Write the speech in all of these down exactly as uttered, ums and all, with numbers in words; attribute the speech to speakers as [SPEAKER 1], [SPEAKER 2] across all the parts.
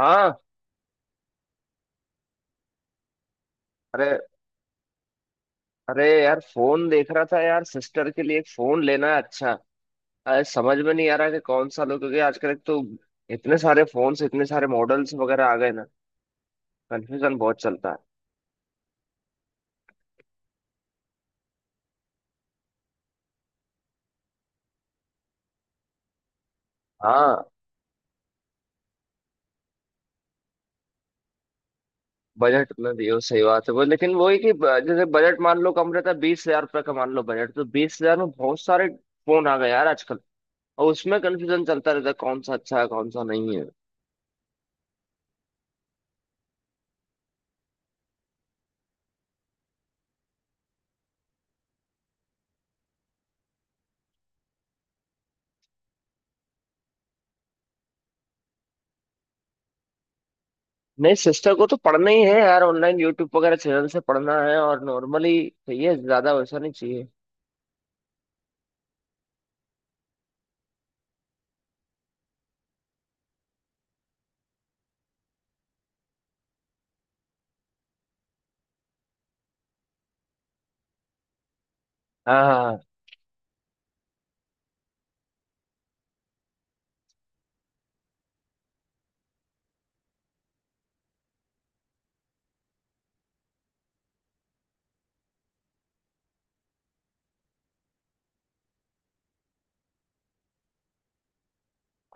[SPEAKER 1] हाँ। अरे, अरे यार, फोन देख रहा था यार। सिस्टर के लिए एक फोन लेना है। अच्छा, अरे समझ में नहीं आ रहा कि कौन सा लो, क्योंकि आजकल एक तो इतने सारे फोन्स, इतने सारे मॉडल्स वगैरह आ गए ना। कंफ्यूजन बहुत चलता है। हाँ, बजट में भी हो, सही बात है वो। लेकिन वो है कि ब- जैसे बजट मान लो कम रहता है, बीस हजार रुपये का मान लो बजट, तो बीस हजार में बहुत सारे फोन आ गए यार आजकल। और उसमें कंफ्यूजन चलता रहता है कौन सा अच्छा है, कौन सा नहीं है। नहीं, सिस्टर को तो पढ़ना ही है यार, ऑनलाइन यूट्यूब वगैरह चैनल से पढ़ना है। और नॉर्मली चाहिए, ज्यादा वैसा नहीं चाहिए। हाँ, हाँ, हाँ,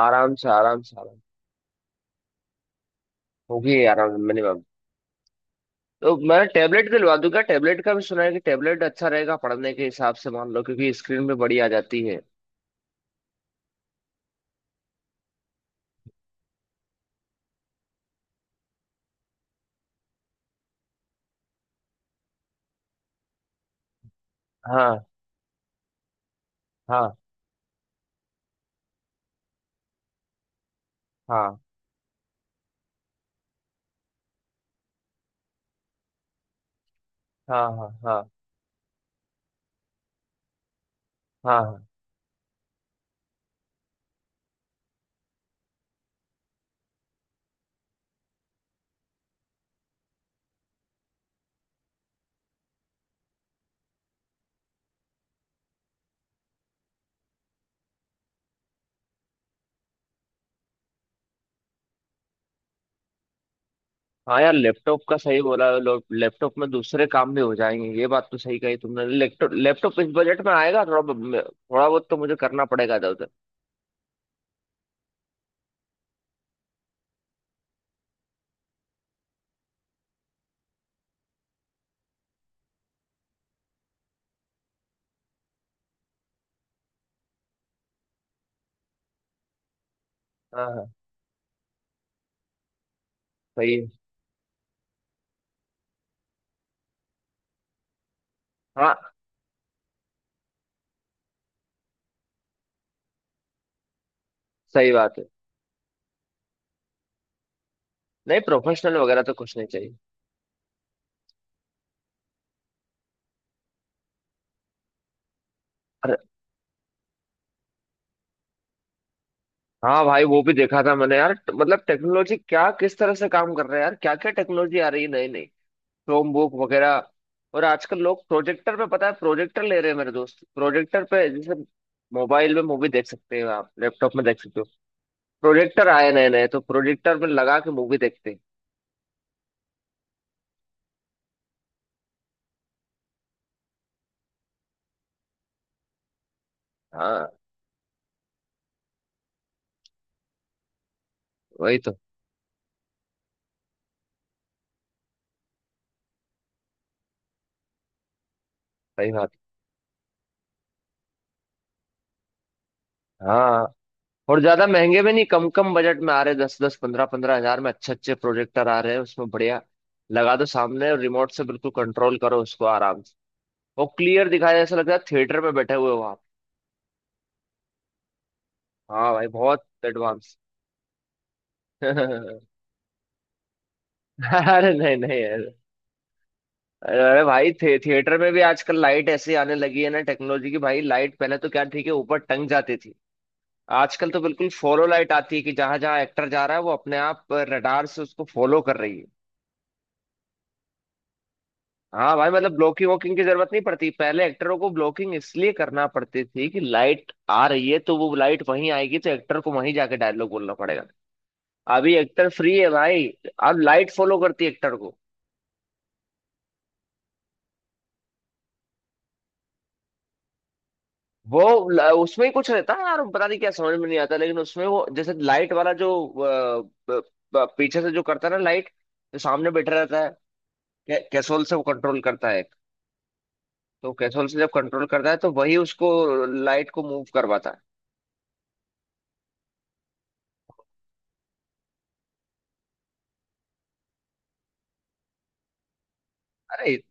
[SPEAKER 1] आराम से, आराम से, आराम होगी, आराम मिनिमम। तो मैं टेबलेट दिलवा दूंगा। टेबलेट का भी सुना है कि टेबलेट अच्छा रहेगा पढ़ने के हिसाब से, मान लो, क्योंकि स्क्रीन पे बड़ी आ जाती है। हाँ, हाँ, हाँ, हाँ, हाँ, हाँ, हाँ, हाँ, हाँ यार, लैपटॉप का सही बोला। लो- लैपटॉप में दूसरे काम भी हो जाएंगे, ये बात तो सही कही तुमने। लैपटॉप, लैपटॉप इस बजट में आएगा थोड़ा। ब- थोड़ा बहुत तो मुझे करना पड़ेगा इधर उधर। हाँ, हाँ, सही है। हाँ, सही बात है। नहीं, प्रोफेशनल वगैरह तो कुछ नहीं चाहिए। अरे हाँ भाई, वो भी देखा था मैंने यार। ट- मतलब टेक्नोलॉजी क्या किस तरह से काम कर रहा है यार, क्या क्या टेक्नोलॉजी आ रही है नई नई, क्रोम बुक वगैरह। और आजकल लोग प्रोजेक्टर पे, पता है, प्रोजेक्टर ले रहे हैं मेरे दोस्त। प्रोजेक्टर पे जैसे मोबाइल में मूवी देख सकते हैं, आप लैपटॉप में देख सकते हो, प्रोजेक्टर आए नए नए, तो प्रोजेक्टर में लगा के मूवी देखते हैं। हाँ वही तो। सही बात। हाँ, और ज्यादा महंगे भी नहीं, कम कम बजट में आ रहे। दस दस पंद्रह पंद्रह हजार में अच्छे अच्छे प्रोजेक्टर आ रहे हैं, उसमें बढ़िया। लगा दो सामने और रिमोट से बिल्कुल कंट्रोल करो उसको आराम से। वो क्लियर दिखाया, जैसा लगता है थिएटर में बैठे हुए हो आप। हाँ भाई, बहुत एडवांस। अरे, नहीं नहीं, अरे, अरे भाई, थे, थिएटर में भी आजकल लाइट ऐसी आने लगी है ना, टेक्नोलॉजी की भाई। लाइट पहले तो क्या, ठीक है, ऊपर टंग जाती थी। आजकल तो बिल्कुल फॉलो लाइट आती है कि जहां जहां एक्टर जा रहा है, वो अपने आप रडार से उसको फॉलो कर रही है। हाँ भाई, मतलब ब्लॉकिंग वॉकिंग की जरूरत नहीं पड़ती। पहले एक्टरों को ब्लॉकिंग इसलिए करना पड़ती थी कि लाइट आ रही है तो वो लाइट वहीं आएगी, तो एक्टर को वहीं जाके डायलॉग बोलना पड़ेगा। अभी एक्टर फ्री है भाई, अब लाइट फॉलो करती है एक्टर को। वो ल- उसमें ही कुछ रहता है यार, पता नहीं क्या, समझ में नहीं आता। लेकिन उसमें वो जैसे लाइट वाला जो अ, ब- ब- पीछे से जो करता है ना लाइट, जो सामने बैठा रहता है, कै- कैसोल से वो कंट्रोल करता है। तो कैसोल से जब कंट्रोल करता है तो वही उसको लाइट को मूव करवाता है। अरे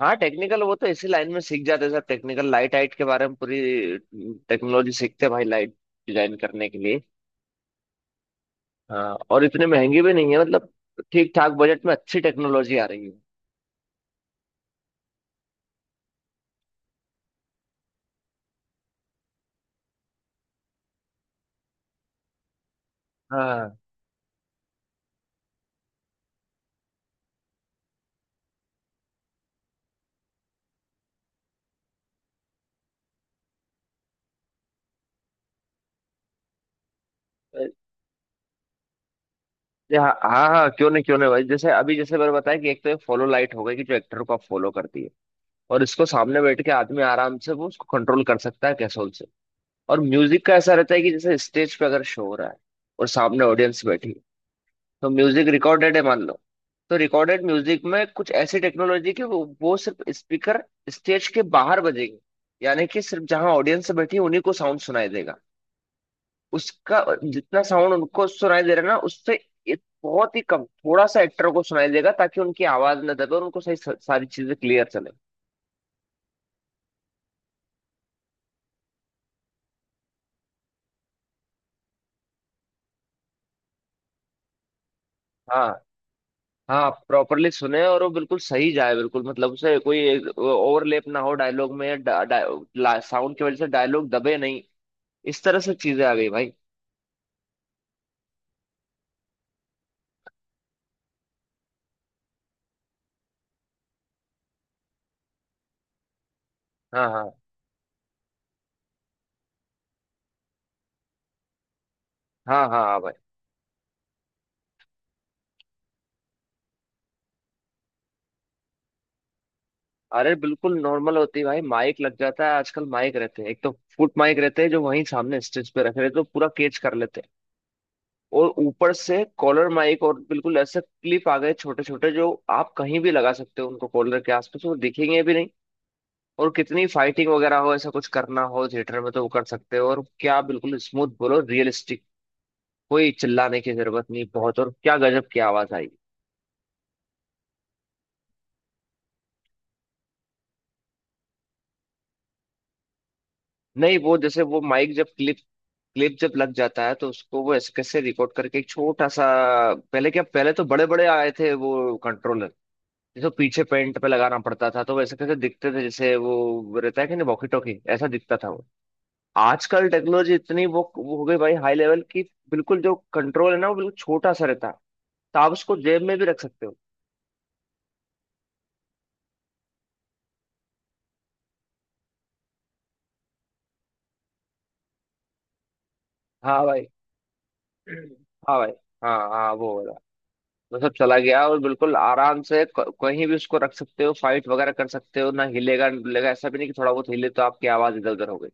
[SPEAKER 1] हाँ, टेक्निकल वो तो इसी लाइन में सीख जाते हैं सर, टेक्निकल लाइट हाइट के बारे में पूरी टेक्नोलॉजी सीखते हैं भाई, लाइट डिजाइन करने के लिए। हाँ, और इतने महंगी भी नहीं है मतलब, ठीक ठाक बजट में अच्छी टेक्नोलॉजी आ रही है। हाँ, ये, हाँ, हाँ, हाँ, क्यों नहीं, क्यों नहीं भाई। जैसे अभी जैसे मैंने बताया कि एक तो ये फॉलो लाइट हो गई कि जो एक्टर को आप फॉलो करती है, और इसको सामने बैठ के आदमी आराम से वो उसको कंट्रोल कर सकता है कैसोल से। और म्यूजिक का ऐसा रहता है कि जैसे स्टेज पे अगर शो हो रहा है और सामने ऑडियंस बैठी है, तो म्यूजिक रिकॉर्डेड है मान लो, तो रिकॉर्डेड म्यूजिक में कुछ ऐसी टेक्नोलॉजी कि वो, वो सिर्फ स्पीकर स्टेज के बाहर बजेंगे, यानी कि सिर्फ जहां ऑडियंस बैठी है उन्हीं को साउंड सुनाई देगा। उसका जितना साउंड उनको सुनाई दे रहा है ना, उससे एक बहुत ही कम, थोड़ा सा एक्टर को सुनाई देगा, ताकि उनकी आवाज ना दबे और उनको सही सारी चीजें क्लियर चले। हाँ, हाँ, प्रॉपरली सुने और वो बिल्कुल सही जाए, बिल्कुल मतलब उसे कोई ओवरलैप ना हो डायलॉग में, साउंड की वजह से डायलॉग दबे नहीं। इस तरह से चीजें आ गई भाई। हाँ, हाँ, हाँ। हाँ, हाँ भाई। अरे बिल्कुल नॉर्मल होती है भाई, माइक लग जाता है। आजकल माइक रहते हैं, एक तो फुट माइक रहते हैं जो वहीं सामने स्टेज पे रखे रहते हैं तो पूरा कैच कर लेते हैं। और ऊपर से कॉलर माइक और बिल्कुल ऐसे क्लिप आ गए छोटे छोटे, जो आप कहीं भी लगा सकते हो उनको, कॉलर के आसपास वो दिखेंगे भी नहीं। और कितनी फाइटिंग वगैरह हो, ऐसा कुछ करना हो थिएटर में तो वो कर सकते हो और क्या, बिल्कुल स्मूथ बोलो, रियलिस्टिक। कोई चिल्लाने की जरूरत नहीं बहुत, और क्या गजब की आवाज आई। नहीं, वो जैसे वो माइक जब क्लिप क्लिप जब लग जाता है, तो उसको वो ऐसे कैसे रिकॉर्ड करके एक छोटा सा। पहले क्या, पहले तो बड़े बड़े आए थे वो कंट्रोलर, जिसको पीछे पेंट पे लगाना पड़ता था, तो वैसे कैसे दिखते थे जैसे वो रहता है कि नहीं, वॉकी टॉकी, ऐसा दिखता था वो। आजकल टेक्नोलॉजी इतनी वो वो हो गई भाई, हाई लेवल की। बिल्कुल जो कंट्रोल है ना, वो बिल्कुल छोटा सा रहता है, तो आप उसको जेब में भी रख सकते हो। हाँ भाई। हाँ भाई, हाँ, हाँ। वो मतलब चला गया, और बिल्कुल आराम से क- कहीं भी उसको रख सकते हो, फाइट वगैरह कर सकते हो, ना हिलेगा ना डुलेगा। ऐसा भी नहीं कि थोड़ा बहुत हिले तो आपकी आवाज इधर उधर हो गई।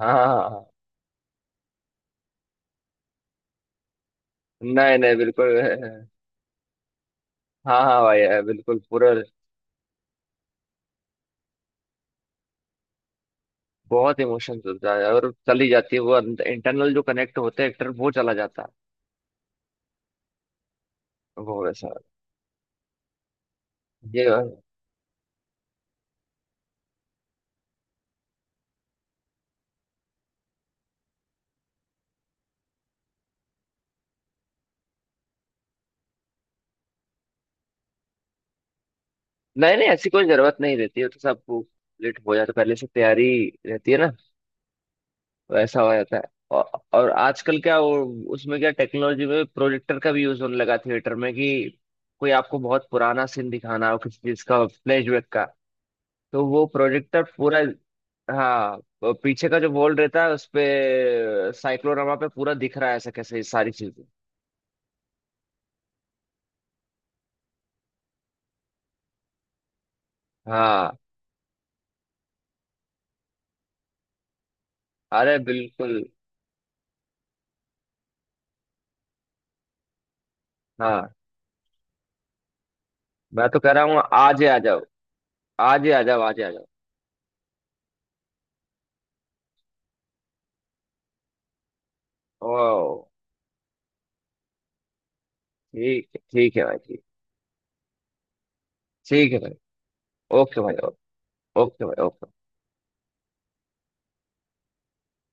[SPEAKER 1] हाँ, हाँ, हाँ। नहीं, नहीं, बिल्कुल। हाँ, हाँ भाई है, बिल्कुल पूरा। बहुत इमोशन चलता है और चली जाती है, वो इंटरनल जो कनेक्ट होते हैं एक्टर, वो चला जाता है। वो वैसा, ये। नहीं नहीं, ऐसी कोई जरूरत नहीं रहती है, तो सब कंप्लीट हो जाता है, पहले से तैयारी रहती है ना, वैसा हो जाता है। औ, और आजकल क्या वो, उसमें क्या टेक्नोलॉजी में प्रोजेक्टर का भी यूज होने लगा थिएटर में, कि कोई आपको बहुत पुराना सीन दिखाना हो किसी चीज का, फ्लैशबैक का, तो वो प्रोजेक्टर पूरा। हाँ, वो पीछे का जो वॉल रहता है उस पे, साइक्लोरामा पे पूरा दिख रहा है, ऐसा कैसे, ये सारी चीजें। हाँ, अरे बिल्कुल। हाँ, मैं तो कह रहा हूँ आज ही आ जाओ, आज ही आ जाओ, आज ही आ जाओ। ओ, ठीक है, ठीक है भाई, ठीक। ठीक है भाई। ओके भाई, ओके भाई, ओके।